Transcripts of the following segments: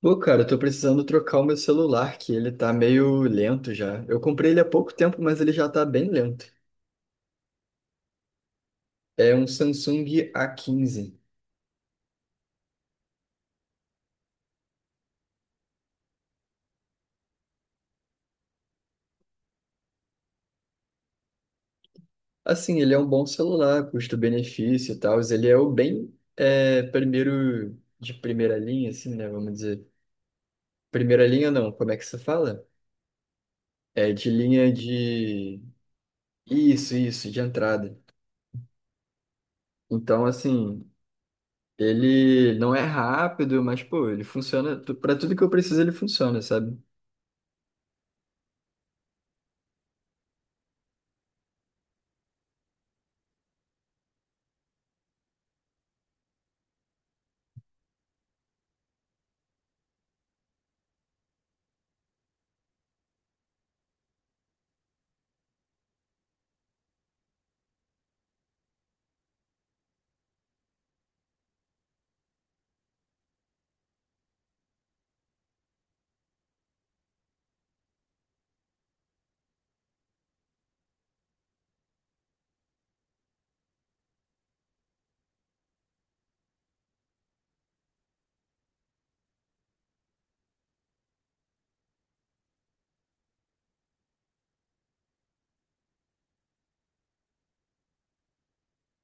Pô, cara, eu tô precisando trocar o meu celular, que ele tá meio lento já. Eu comprei ele há pouco tempo, mas ele já tá bem lento. É um Samsung A15. Assim, ele é um bom celular, custo-benefício e tal. Ele é o primeiro de primeira linha, assim, né? Vamos dizer. Primeira linha não, como é que se fala? É de linha de. Isso, de entrada. Então, assim, ele não é rápido, mas, pô, ele funciona. Pra tudo que eu preciso, ele funciona, sabe?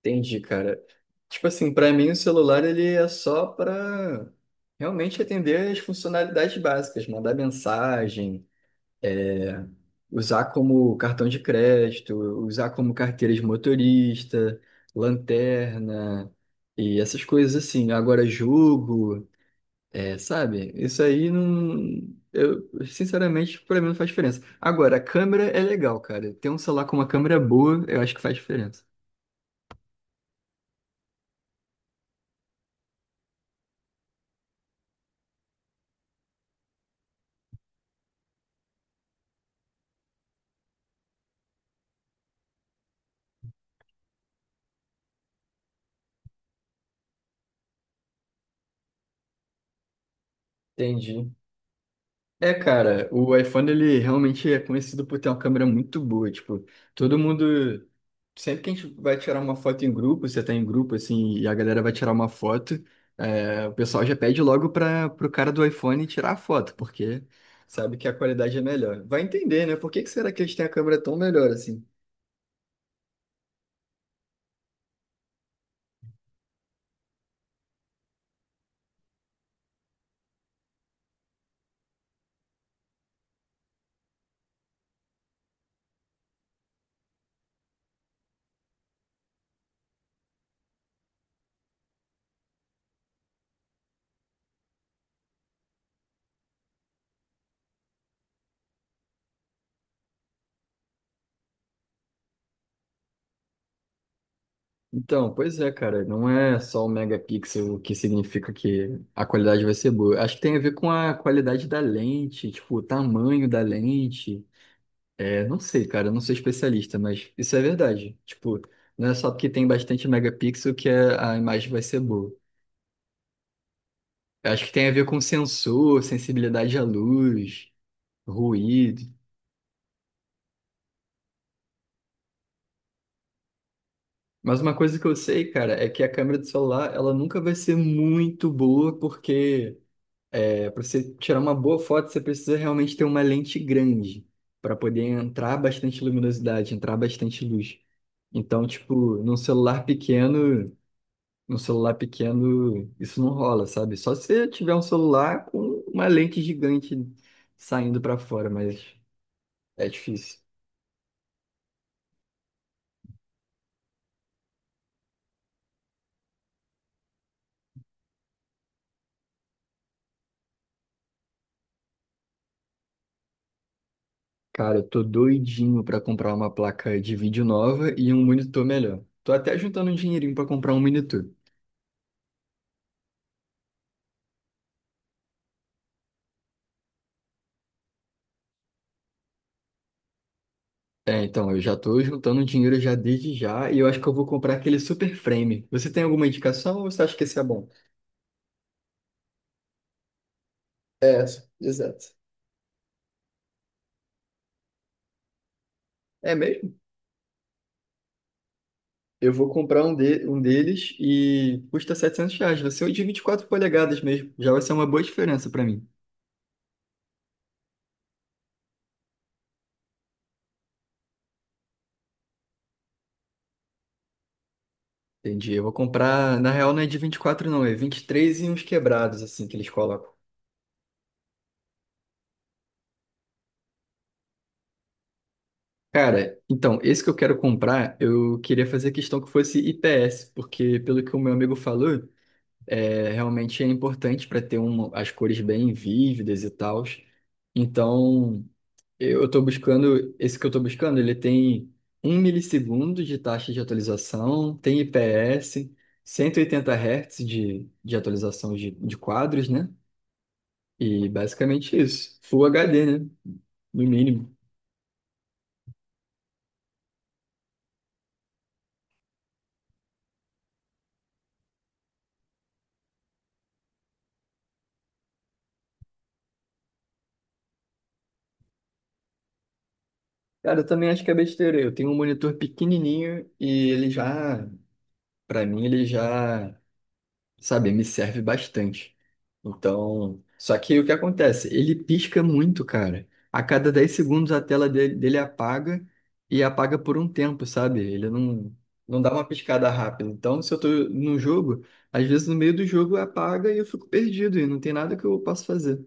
Entendi, cara. Tipo assim, pra mim o celular ele é só pra realmente atender as funcionalidades básicas, mandar mensagem, usar como cartão de crédito, usar como carteira de motorista, lanterna e essas coisas assim. Agora jogo, é, sabe? Isso aí não, eu sinceramente pra mim não faz diferença. Agora a câmera é legal, cara. Ter um celular com uma câmera boa, eu acho que faz diferença. Entendi. É, cara, o iPhone ele realmente é conhecido por ter uma câmera muito boa. Tipo, todo mundo. Sempre que a gente vai tirar uma foto em grupo, você tá em grupo assim, e a galera vai tirar uma foto, é, o pessoal já pede logo para pro cara do iPhone tirar a foto, porque sabe que a qualidade é melhor. Vai entender, né? Por que que será que eles têm a câmera tão melhor assim? Então, pois é, cara, não é só o megapixel que significa que a qualidade vai ser boa. Acho que tem a ver com a qualidade da lente, tipo, o tamanho da lente. É, não sei, cara, eu não sou especialista, mas isso é verdade. Tipo, não é só porque tem bastante megapixel que a imagem vai ser boa. Eu acho que tem a ver com sensor, sensibilidade à luz, ruído. Mas uma coisa que eu sei, cara, é que a câmera do celular, ela nunca vai ser muito boa, porque é, para você tirar uma boa foto, você precisa realmente ter uma lente grande para poder entrar bastante luminosidade, entrar bastante luz. Então, tipo, num celular pequeno. No celular pequeno, isso não rola, sabe? Só se você tiver um celular com uma lente gigante saindo pra fora, mas é difícil. Cara, eu tô doidinho pra comprar uma placa de vídeo nova e um monitor melhor. Tô até juntando um dinheirinho pra comprar um monitor. É, então, eu já tô juntando dinheiro já desde já e eu acho que eu vou comprar aquele super frame. Você tem alguma indicação ou você acha que esse é bom? É, exato. É mesmo? Eu vou comprar um deles e custa R$ 700. Vai ser o de 24 polegadas mesmo. Já vai ser uma boa diferença pra mim. Entendi. Eu vou comprar, na real, não é de 24 não. É vinte e três e uns quebrados, assim, que eles colocam. Cara, então, esse que eu quero comprar, eu queria fazer questão que fosse IPS, porque pelo que o meu amigo falou, é, realmente é importante para ter uma, as cores bem vívidas e tal. Então. Esse que eu estou buscando, ele tem um milissegundo de taxa de atualização, tem IPS, 180 Hz de atualização de quadros, né? E basicamente isso. Full HD, né? No mínimo. Cara, eu também acho que é besteira. Eu tenho um monitor pequenininho e ele já, para mim, ele já sabe, me serve bastante. Então, só que o que acontece? Ele pisca muito, cara. A cada 10 segundos a tela dele apaga e apaga por um tempo, sabe? Ele não, não dá uma piscada rápida. Então, se eu tô no jogo, às vezes no meio do jogo apaga e eu fico perdido e não tem nada que eu possa fazer.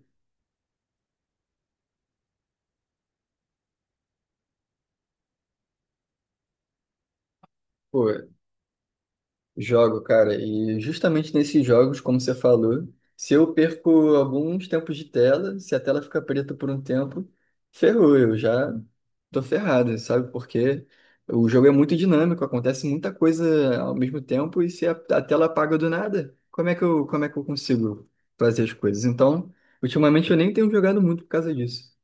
Pô, jogo, cara, e justamente nesses jogos, como você falou, se eu perco alguns tempos de tela, se a tela fica preta por um tempo, ferrou, eu já tô ferrado, sabe? Porque o jogo é muito dinâmico, acontece muita coisa ao mesmo tempo, e se a tela apaga do nada, como é que eu consigo fazer as coisas? Então, ultimamente eu nem tenho jogado muito por causa disso.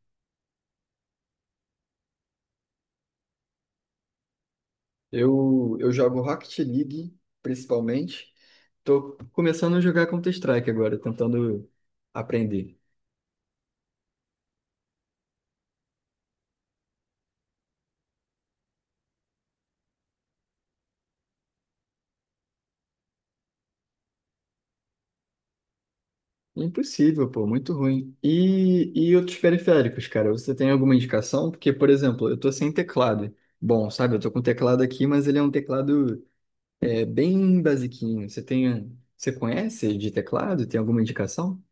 Eu jogo Rocket League, principalmente. Tô começando a jogar Counter-Strike agora, tentando aprender. Impossível, pô, muito ruim. E outros periféricos, cara, você tem alguma indicação? Porque, por exemplo, eu tô sem teclado. Bom, sabe, eu tô com o teclado aqui, mas ele é um teclado é, bem basiquinho. Você tem, você conhece de teclado? Tem alguma indicação?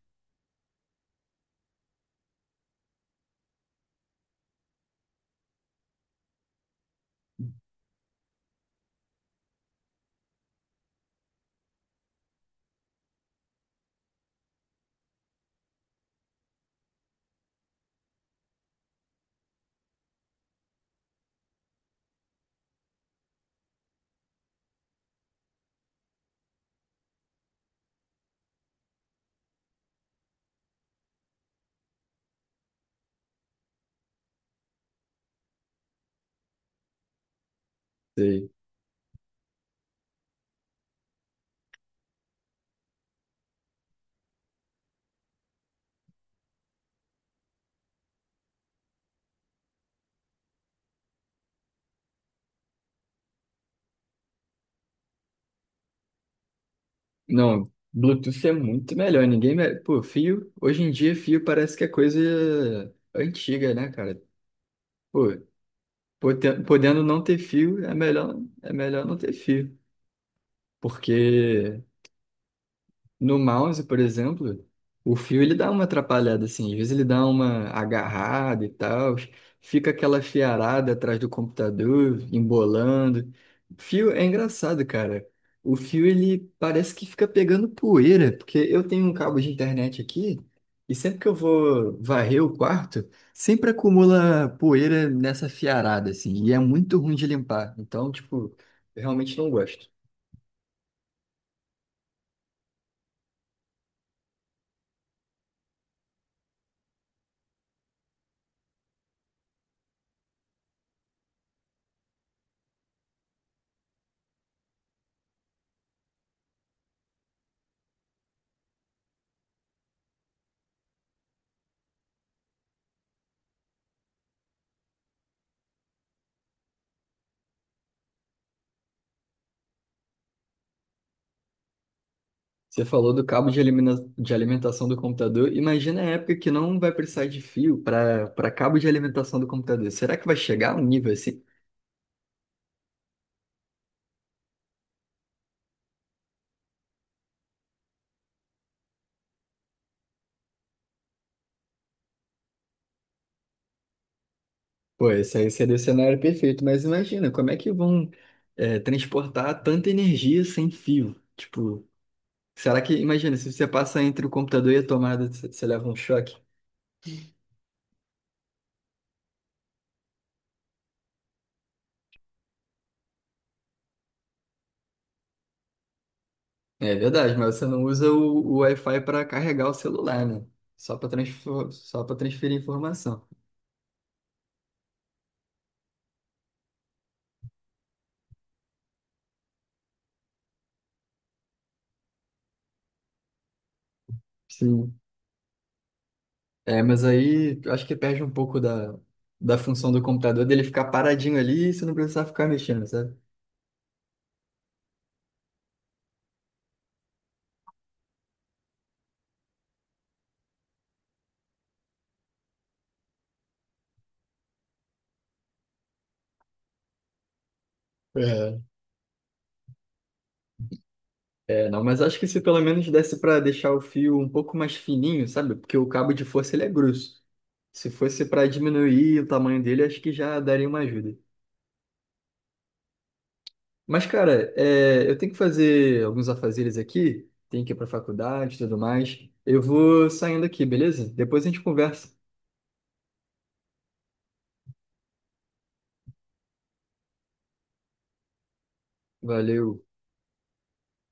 Sei. Não, Bluetooth é muito melhor. Pô, fio. Hoje em dia, fio parece que é coisa antiga, né, cara? Pô, podendo não ter fio, é melhor não ter fio. Porque No mouse, por exemplo, o fio ele dá uma atrapalhada assim, às vezes ele dá uma agarrada e tal, fica aquela fiarada atrás do computador, embolando. Fio é engraçado, cara. O fio ele parece que fica pegando poeira, porque eu tenho um cabo de internet aqui e sempre que eu vou varrer o quarto, sempre acumula poeira nessa fiarada assim, e é muito ruim de limpar. Então, tipo, eu realmente não gosto. Você falou do cabo de alimentação do computador. Imagina a época que não vai precisar de fio para para cabo de alimentação do computador. Será que vai chegar a um nível assim? Pô, esse aí seria o cenário perfeito, mas imagina, como é que vão é, transportar tanta energia sem fio? Tipo, será que, imagina, se você passa entre o computador e a tomada, você leva um choque? É verdade, mas você não usa o Wi-Fi para carregar o celular, né? Só para transferir informação. Sim. É, mas aí eu acho que perde um pouco da função do computador dele ficar paradinho ali e você não precisar ficar mexendo, sabe? É. É, não, mas acho que se pelo menos desse para deixar o fio um pouco mais fininho, sabe? Porque o cabo de força ele é grosso. Se fosse para diminuir o tamanho dele, acho que já daria uma ajuda. Mas, cara, é, eu tenho que fazer alguns afazeres aqui, tenho que ir para faculdade e tudo mais. Eu vou saindo aqui, beleza? Depois a gente conversa. Valeu.